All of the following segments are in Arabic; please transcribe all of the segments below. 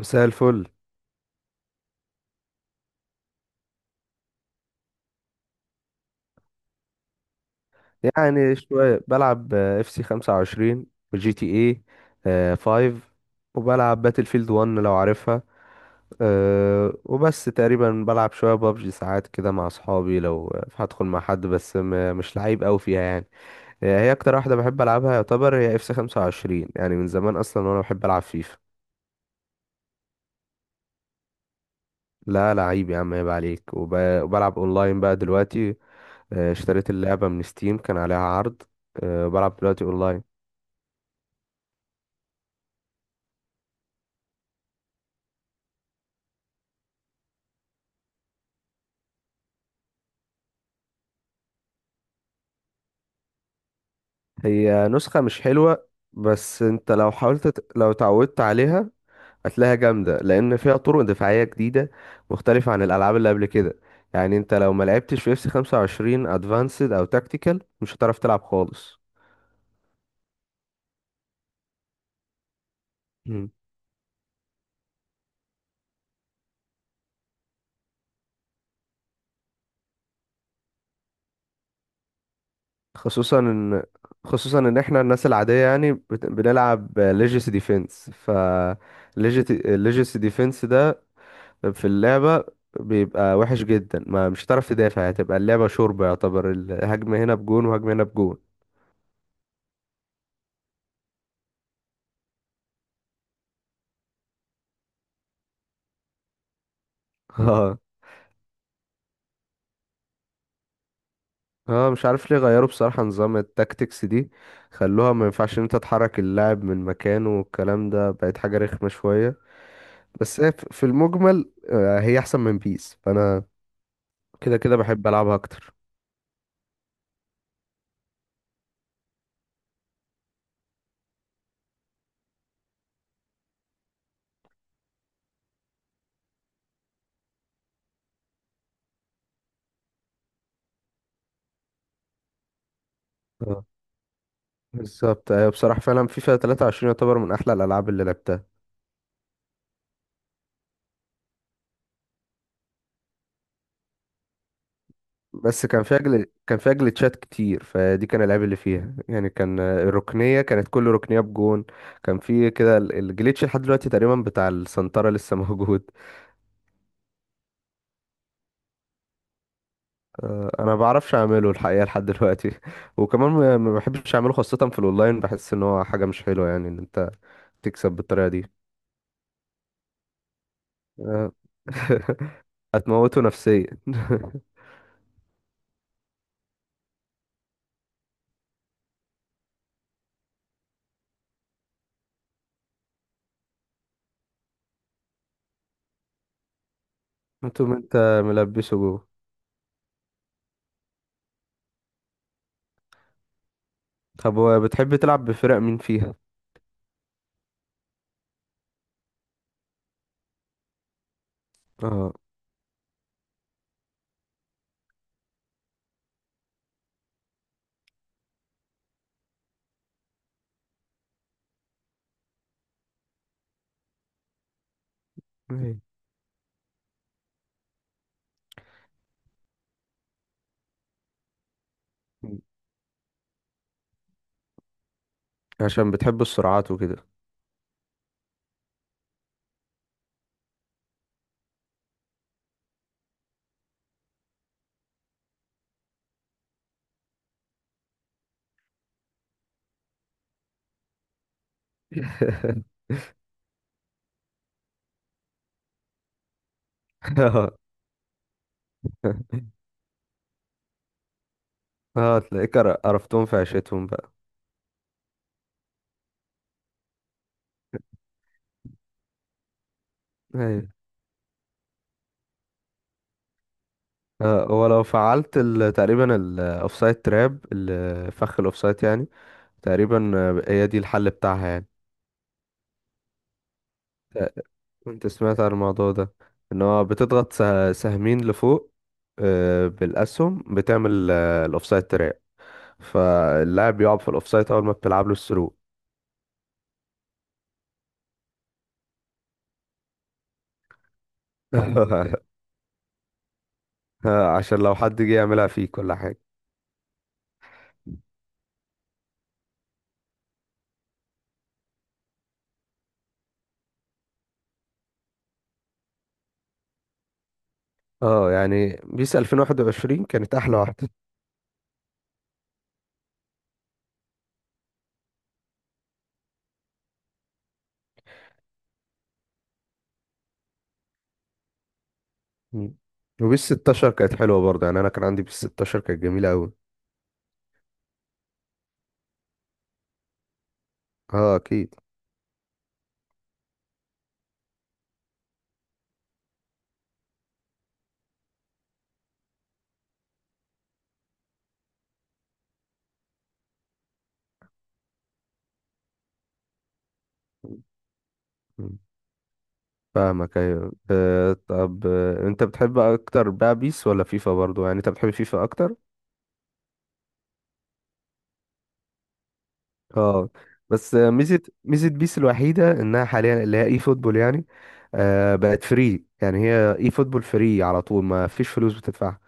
مساء الفل. يعني شوية بلعب اف سي 25 وجي تي اي 5، وبلعب باتل فيلد 1 لو عارفها. وبس تقريبا بلعب شوية بابجي ساعات كده مع اصحابي لو هدخل مع حد، بس مش لعيب قوي فيها يعني. هي اكتر واحدة بحب العبها يعتبر هي اف سي 25، يعني من زمان اصلا وانا بحب العب فيفا. لا لعيب يا عم، عيب عليك. وبلعب اونلاين بقى دلوقتي. اشتريت اللعبة من ستيم، كان عليها عرض. بلعب دلوقتي اونلاين. هي نسخة مش حلوة، بس انت لو حاولت لو اتعودت عليها هتلاقيها جامدة، لأن فيها طرق دفاعية جديدة مختلفة عن الألعاب اللي قبل كده. يعني انت لو ما لعبتش في اف 25 ادفانسد او تاكتيكال مش هتعرف تلعب خالص. مم. خصوصا ان خصوصا ان احنا الناس العادية يعني بنلعب ليجيسي ديفنس، ف ليجيسي ديفنس ده في اللعبة بيبقى وحش جدا، ما مش هتعرف تدافع، هتبقى اللعبة شوربة يعتبر، الهجمة هنا بجون وهجمة هنا بجون. اه. اه مش عارف ليه غيروا بصراحة نظام التاكتكس دي، خلوها ما ينفعش ان انت تحرك اللاعب من مكانه والكلام ده، بقت حاجة رخمة شوية. بس هي في المجمل هي احسن من بيس، فانا كده كده بحب العبها اكتر. اه بالظبط، ايوه بصراحة فعلا فيفا 23 يعتبر من احلى الالعاب اللي لعبتها. بس كان فيها كان فيها جليتشات كتير، فدي كان العيب اللي فيها يعني. كان الركنيه كانت كل ركنيه بجون. كان في كده الجليتش لحد دلوقتي تقريبا بتاع السنتره لسه موجود. انا ما بعرفش اعمله الحقيقه لحد دلوقتي. وكمان ما بحبش اعمله خاصه في الاونلاين، بحس ان هو حاجه مش حلوه يعني ان انت تكسب بالطريقه دي. آه، هتموته نفسيا. انتوا، ما انت ملبسه جوه. طب هو بتحب تلعب بفرق مين فيها؟ اه. أيوة. عشان بتحب السرعات وكده؟ اه. اه تلاقيك قرفتهم في عيشتهم بقى. ايوه. اه ولو فعلت تقريبا الاوفسايد تراب، الفخ الاوفسايد يعني تقريبا، هي دي الحل بتاعها يعني. ت- كنت سمعت عن الموضوع ده، ان هو بتضغط سهمين لفوق، بالاسهم بتعمل الاوفسايد تراب، فاللاعب يقعد في الاوفسايد اول ما بتلعب له الثرو. عشان لو حد جه يعملها فيك ولا حاجه. اه يعني بيس 2021 كانت احلى واحده. مم. وبيس 16 كانت حلوة برضه، يعني أنا كان عندي بيس 16 كانت جميلة أوي. أه أكيد. مم. فاهمك أيوة. أه طب، أنت بتحب أكتر بقى بيس ولا فيفا؟ برضه يعني أنت بتحب فيفا أكتر؟ أه. بس ميزة بيس الوحيدة إنها حاليا اللي هي إي فوتبول يعني. أه، بقت فري، يعني هي إي فوتبول فري على طول، ما فيش فلوس بتدفعها.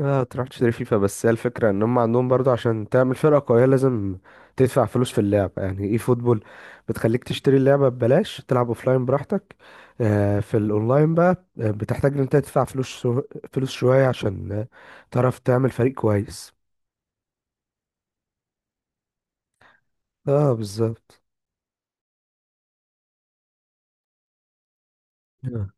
اه تروح تشتري فيفا، بس هي الفكرة ان هم عندهم برضو عشان تعمل فرقة قوية لازم تدفع فلوس في اللعبة. يعني اي فوتبول بتخليك تشتري اللعبة ببلاش، تلعب اوفلاين براحتك. في الاونلاين بقى بتحتاج ان انت تدفع فلوس شوية عشان تعرف تعمل فريق كويس. اه بالظبط. آه.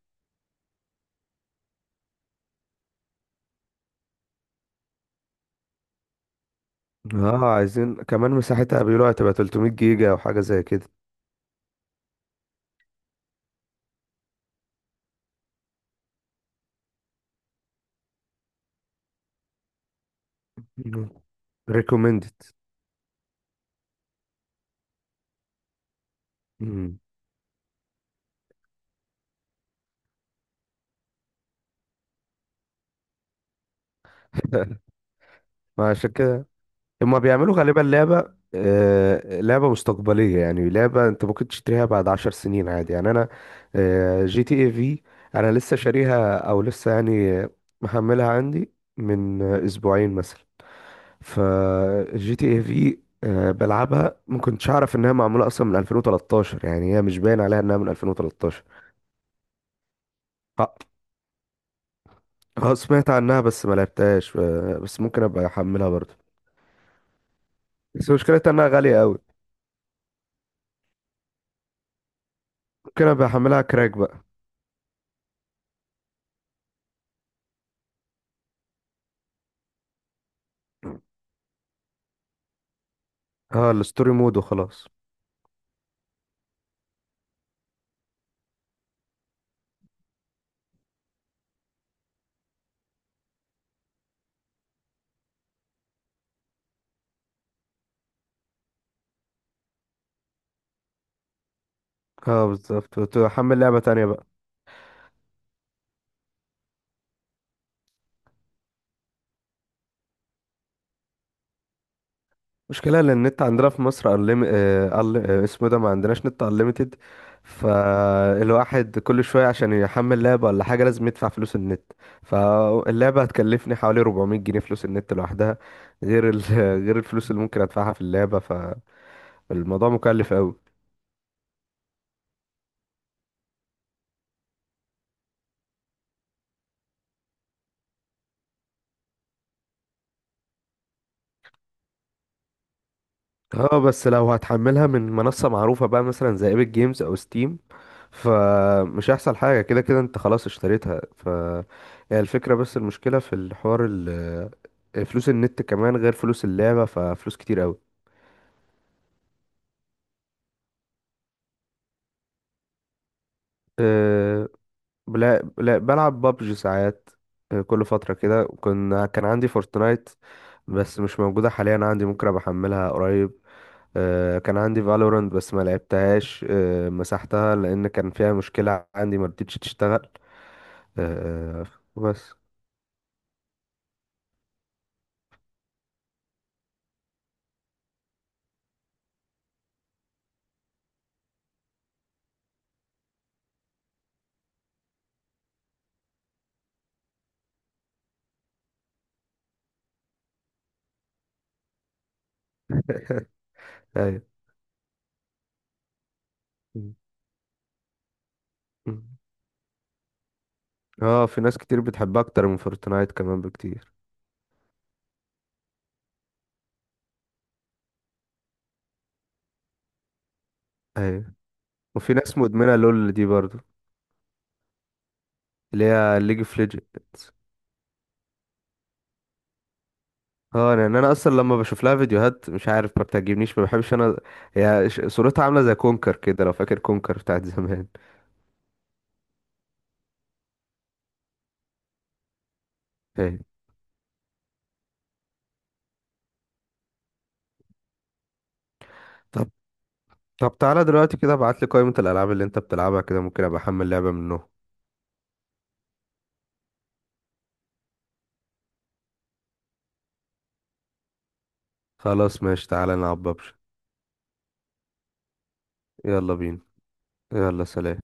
اه عايزين كمان مساحتها، بيقولوا هتبقى 300 جيجا او حاجة زي كده. ريكومندد. ما عشان كده هما بيعملوا غالبا لعبة لعبة مستقبلية، يعني لعبة انت ممكن تشتريها بعد عشر سنين عادي. يعني انا جي تي اي في انا لسه شاريها، او لسه يعني محملها عندي من اسبوعين مثلا. ف جي تي اي في بلعبها، ما كنتش اعرف انها معمولة اصلا من 2013، يعني هي مش باين عليها انها من 2013. اه. سمعت عنها بس ما لعبتهاش، بس ممكن ابقى احملها برضه. بس مشكلتها انها غالية قوي. ممكن ابقى احملها كراك بقى. اه الستوري مود وخلاص. اه بالظبط، وتحمل لعبة تانية بقى. مشكلة لأن النت عندنا في مصر أنليم... آه... أل... آه، اسمه ده ما عندناش نت أنليمتد. فالواحد كل شوية عشان يحمل لعبة ولا حاجة لازم يدفع فلوس النت. فاللعبة هتكلفني حوالي 400 جنيه فلوس النت لوحدها، غير غير الفلوس اللي ممكن أدفعها في اللعبة، فالموضوع مكلف أوي. اه بس لو هتحملها من منصة معروفة بقى، مثلا زي ايبك جيمز أو ستيم، فمش هيحصل حاجة، كده كده انت خلاص اشتريتها. ف هي الفكرة، بس المشكلة في الحوار فلوس النت كمان غير فلوس اللعبة، ففلوس كتير قوي. أه بلا بلعب بابجي ساعات. أه، كل فترة كده كنا، كان عندي فورتنايت بس مش موجودة حاليا عندي، ممكن ابقى احملها قريب. أه كان عندي فالورانت بس ما لعبتهاش، أه مسحتها لان كان فيها مشكلة عندي ما رضتش تشتغل. أه بس. ايوه. اه في ناس كتير بتحبها اكتر من فورتنايت كمان بكتير. ايوه. وفي ناس مدمنة لول دي برضو، اللي هي ليج اوف ليجندز. اه يعني انا اصلا لما بشوف لها فيديوهات مش عارف ما بتعجبنيش، ما بحبش انا. هي صورتها عاملة زي كونكر كده، لو فاكر كونكر بتاعت زمان. ايوه. طب طب تعالى دلوقتي كده، ابعت لي قائمة الالعاب اللي انت بتلعبها كده ممكن ابقى احمل لعبة منهم. خلاص ماشي، تعالى نلعب ببجي. يلا بينا. يلا سلام.